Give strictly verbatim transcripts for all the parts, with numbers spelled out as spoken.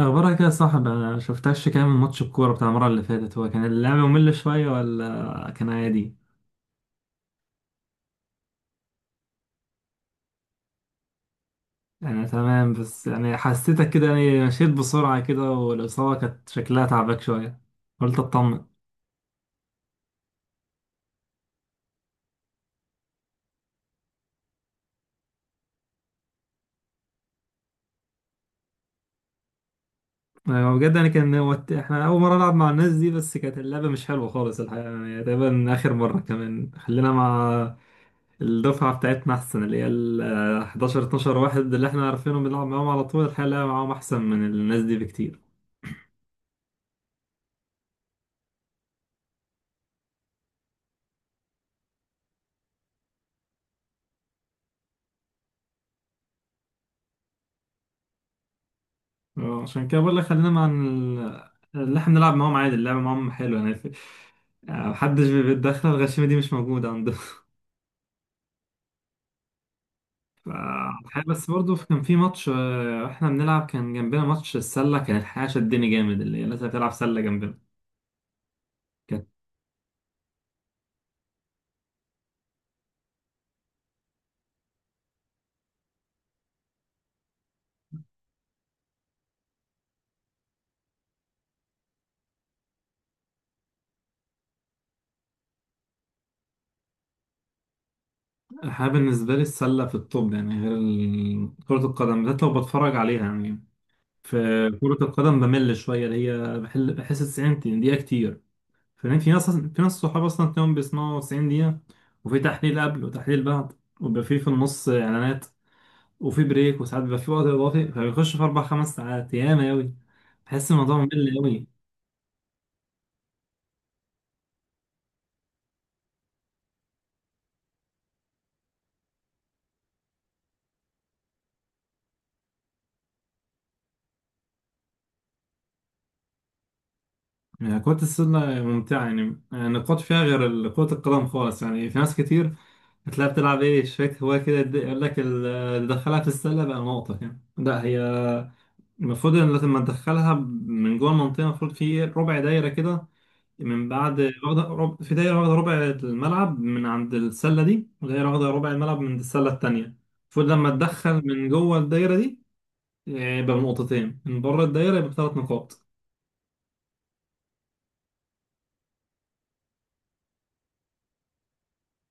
اخبارك يا صاحب؟ انا شفتكش كام من ماتش، الكوره بتاع المره اللي فاتت هو كان اللعب ممل شويه ولا كان عادي؟ انا تمام، بس يعني حسيتك كده، يعني مشيت بسرعه كده والاصابه كانت شكلها تعبك شويه، قلت اطمن. أيوة، بجد يعني كان هو الت- احنا اول مره نلعب مع الناس دي، بس كانت اللعبه مش حلوه خالص الحقيقه، يعني تقريبا اخر مره. كمان خلينا مع الدفعه بتاعتنا احسن، اللي هي ال احداشر اتناشر واحد اللي احنا عارفينهم، بنلعب معاهم على طول. الحقيقه اللعبة معاهم احسن من الناس دي بكتير. اه عشان كده بقول لك خلينا مع ال- اللي احنا نلعب معاهم عادي، اللعبة معاهم حلوة، يعني في- يعني محدش بي- بيتدخل، الغشيمة دي مش موجودة عندهم ف- الحقيقة بس برضه كان في ماتش، آه، واحنا بنلعب كان جنبنا ماتش السلة، كان الحقيقة شدني جامد، اللي هي الناس اللي بتلعب سلة جنبنا كانت. الحقيقة بالنسبة لي السلة في الطب، يعني غير ال- كرة القدم، بالذات لو بتفرج عليها يعني. في كرة القدم بمل شوية، اللي هي بحل- بحس 90 دقيقة كتير. فاهمين؟ في ناس، في ناس صحاب اصلا تلاقيهم بيسمعوا 90 دقيقة، وفي تحليل قبل وتحليل بعد، وبيبقى في في النص اعلانات، وفي بريك، وساعات بيبقى في وقت اضافي، فبيخش في اربع خمس ساعات ياما اوي. بحس الموضوع ممل اوي. يعني كرة السلة ممتعة، يعني النقاط فيها غير ال- كرة القدم خالص. يعني في ناس كتير هتلاقيها بتلعب ايه، شوية هواية كده، يد- يقول لك ال- تدخلها في السلة بقى نقطة، يعني لا هي المفروض ان لما تدخلها من جوه المنطقة، المفروض في ربع دايرة كده، من بعد واخدة رب... في دايرة واخدة ربع الملعب من عند السلة دي، ودايرة واخدة ربع الملعب من عند السلة التانية. المفروض لما تدخل من جوه الدايرة دي، آه، يبقى بنقطتين، من بره الدايرة يبقى بثلاث نقاط.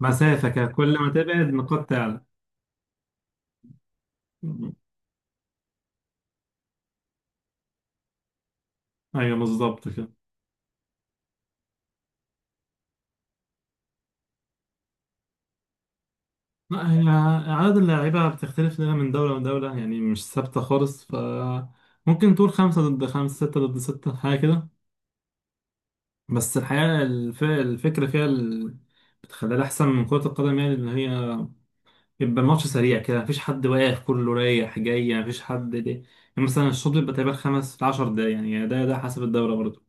مسافة كده، كل ما تبعد نقاط تعلى. أيوة بالظبط كده. لا هي عدد اللاعيبة بتختلف لنا من دولة لدولة، يعني مش ثابتة خالص. ف ممكن تقول خمسة ضد خمسة، ستة ضد ستة، حاجة كده. بس الحقيقة الف... الفكرة فيها ال... بتخليها أحسن من كرة القدم، يعني اللي هي يبقى الماتش سريع كده، مفيش حد واقف، كله رايح جاي، مفيش حد ليه يعني. مثلا الشوط بيبقى تقريبا خمس لعشر دقايق، يعني ده ده حسب الدورة برضه.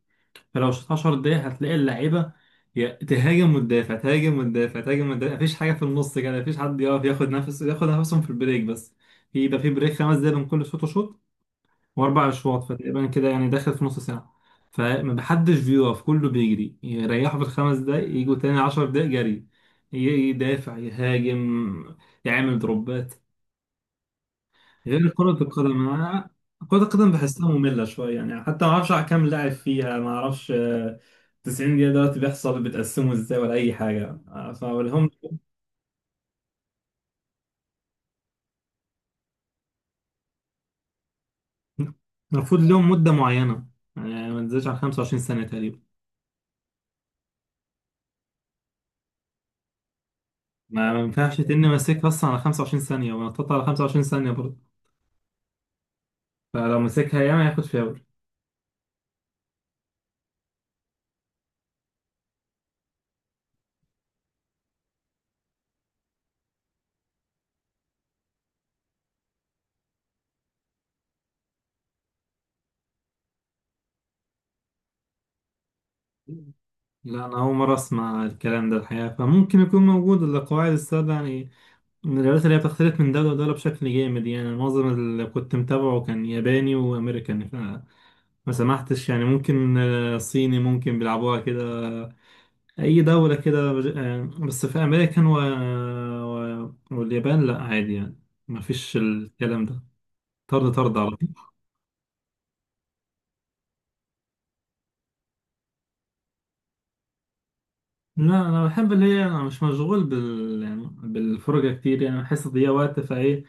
فلو شوط عشر دقايق هتلاقي اللعيبة يا تهاجم وتدافع، تهاجم وتدافع، تهاجم وتدافع، مفيش حاجة في النص كده، مفيش حد يقف ياخد نفسه، ياخد نفسهم في البريك بس. يبقى في بريك خمس دقايق بين كل شوط وشوط، واربع اشواط، فتقريبا كده يعني داخل في نص ساعه. فما حدش بيقف، كله بيجري، يريحوا في الخمس دقايق، يجوا تاني عشر دقايق جري. ي- يدافع، يهاجم، يعمل دروبات، غير كرة القدم. أنا- كرة القدم بحسها مملة شوية، يعني حتى ما اعرفش على كام لاعب فيها، ما اعرفش. آه، 90 دقيقة دلوقتي بيحصل بتقسمه ازاي ولا أي حاجة. آه، فلهم المفروض لهم مدة معينة، يعني ما تنزلش على 25 سنة تقريبا. ما ما ينفعش تن ماسكها اصلا على 25 ثانية، ونطط على 25 ثانية برضه. فلو مسكها ياما ياخد فاول. لا انا اول مرة اسمع الكلام ده الحقيقة، فممكن يكون موجود، القواعد السادة يعني من الرياضات اللي هي بتختلف من دولة لدولة بشكل جامد. يعني معظم اللي كنت متابعه كان ياباني وامريكاني، فما سمحتش، يعني ممكن آه، صيني ممكن بيلعبوها كده، اي دولة كده بج- آه، بس في امريكا و... و... واليابان لا عادي يعني، مفيش الكلام ده، طرد طرد على طول. لا انا بحب اللي هي انا مش مشغول بال، يعني بالفرجه كتير، يعني بحس ان هي وقت فايه.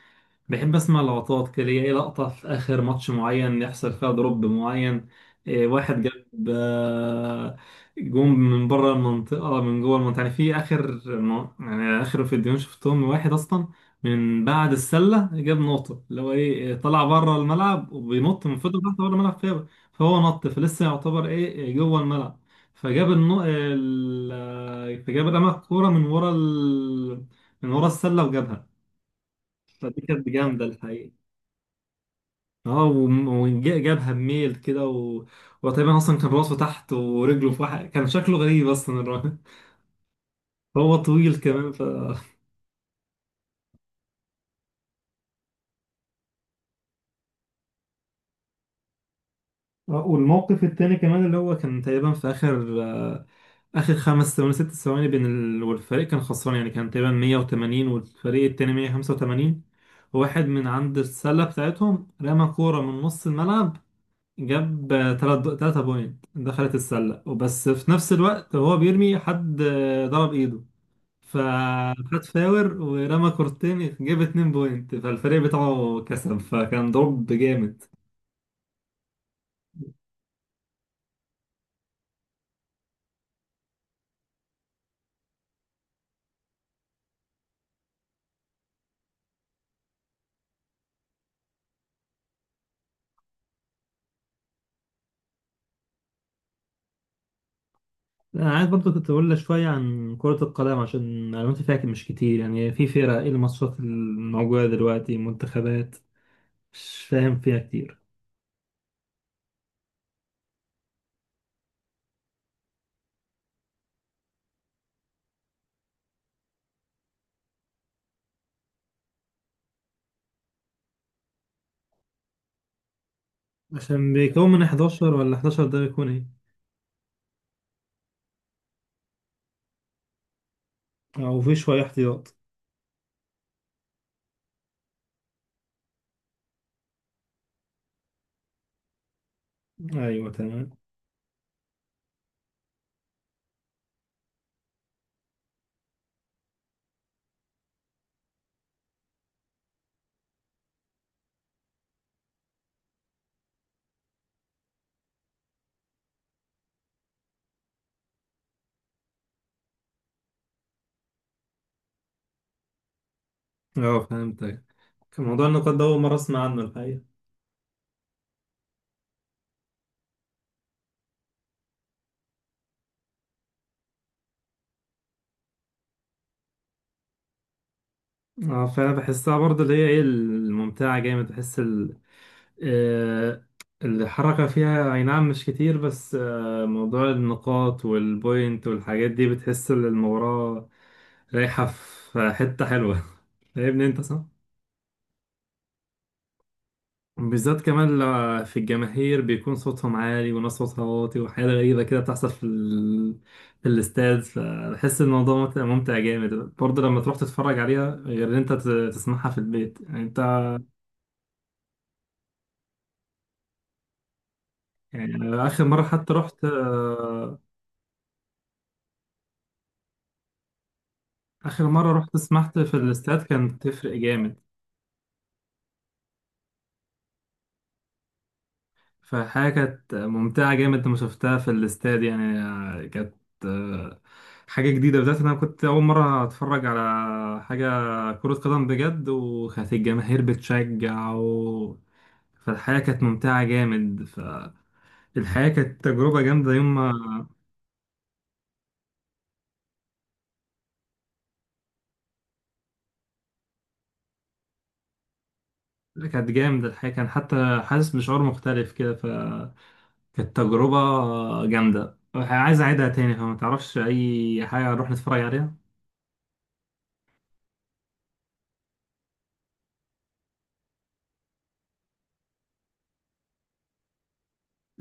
بحب اسمع لقطات كده ليا، ايه لقطة في اخر ماتش معين يحصل فيها دروب معين، إيه واحد جاب، آه، جون من بره المنطقة، من جوه المنطقة يعني. في اخر ما- يعني اخر فيديوهين شفتهم، واحد اصلا من بعد السلة جاب نقطة، اللي هو ايه إيه، طلع بره الملعب وبينط من فضل تحت بره الملعب فيه، فهو نط فلسه يعتبر ايه إيه جوه الملعب، فجاب النو... ال... فجاب رمى الكورة من ورا ال... من ورا السلة وجابها. فدي كانت جامدة الحقيقة. اه وم- وجابها بميل كده و... وتقريبا اصلا كان راسه تحت ورجله في واحد، كان شكله غريب اصلا الراجل هو طويل كمان ف. آه، والموقف التاني كمان اللي هو كان تقريبا في اخر، آه، اخر خمس ثواني ست ثواني بين ال... والفريق كان خسران، يعني كان تقريبا مية وتمانين والفريق التاني مية وخمسة وتمانين. واحد من عند السله بتاعتهم رمى كوره من نص الملعب، جاب تلات، تلاتة بوينت، دخلت السله، وبس في نفس الوقت وهو بيرمي حد آه، ضرب ايده، فخد فاور، ورمى كورتين، جاب اتنين بوينت، فالفريق بتاعه كسب، فكان ضرب جامد. انا عايز برضه كنت اقول لك شويه عن كره القدم، عشان معلوماتي فيها مش كتير. يعني في فرق، ايه الماتشات الموجوده دلوقتي، منتخبات مش فاهم فيها كتير. عشان بيكون من احد عشر ولا احد عشر ده بيكون ايه؟ او في شويه احتياط؟ ايوه تمام. اه فهمتك. كان موضوع النقاط ده اول مره اسمع عنه الحقيقه. اه فانا بحسها برضه اللي هي ايه الممتعه جامد، بحس آه، الحركة فيها أي نعم مش كتير، بس آه، موضوع النقاط والبوينت والحاجات دي بتحس إن المباراة رايحة في حتة حلوة فاهمني أنت صح؟ بالذات كمان لو في الجماهير بيكون صوتهم عالي، وناس صوتها واطي، وحاجات غريبة كده بتحصل في ال... في الاستاد. فبحس إن الموضوع ممتع، ممتع جامد، برضه لما تروح تتفرج عليها، غير إن أنت ت- تسمعها في البيت يعني أنت. يعني آخر مرة حتى رحت، آه، آخر مرة رحت سمحت في الاستاد كانت بتفرق جامد. فحاجة كانت ممتعة جامد لما شفتها في الاستاد، يعني آه، كانت آه، حاجة جديدة، بالذات إن أنا كنت أول مرة أتفرج على حاجة كرة قدم بجد، وكانت الجماهير بتشجع و... فالحياة كانت ممتعة جامد، فالحياة كانت تجربة جامدة يوم ما كانت جامدة الحياة، كان حتى حاسس بشعور مختلف كده. كانت تجربة جامدة عايز أعيدها تاني، فما تعرفش أي حاجة نروح نتفرج عليها؟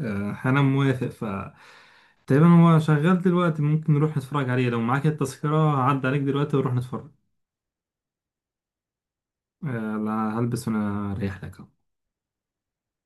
آه، أنا موافق. ف تقريبا هو شغال دلوقتي، ممكن نروح نتفرج عليه، لو معاك التذكرة عدى عليك دلوقتي ونروح نتفرج. آه، لا هلبس وأنا رايح لك أهو.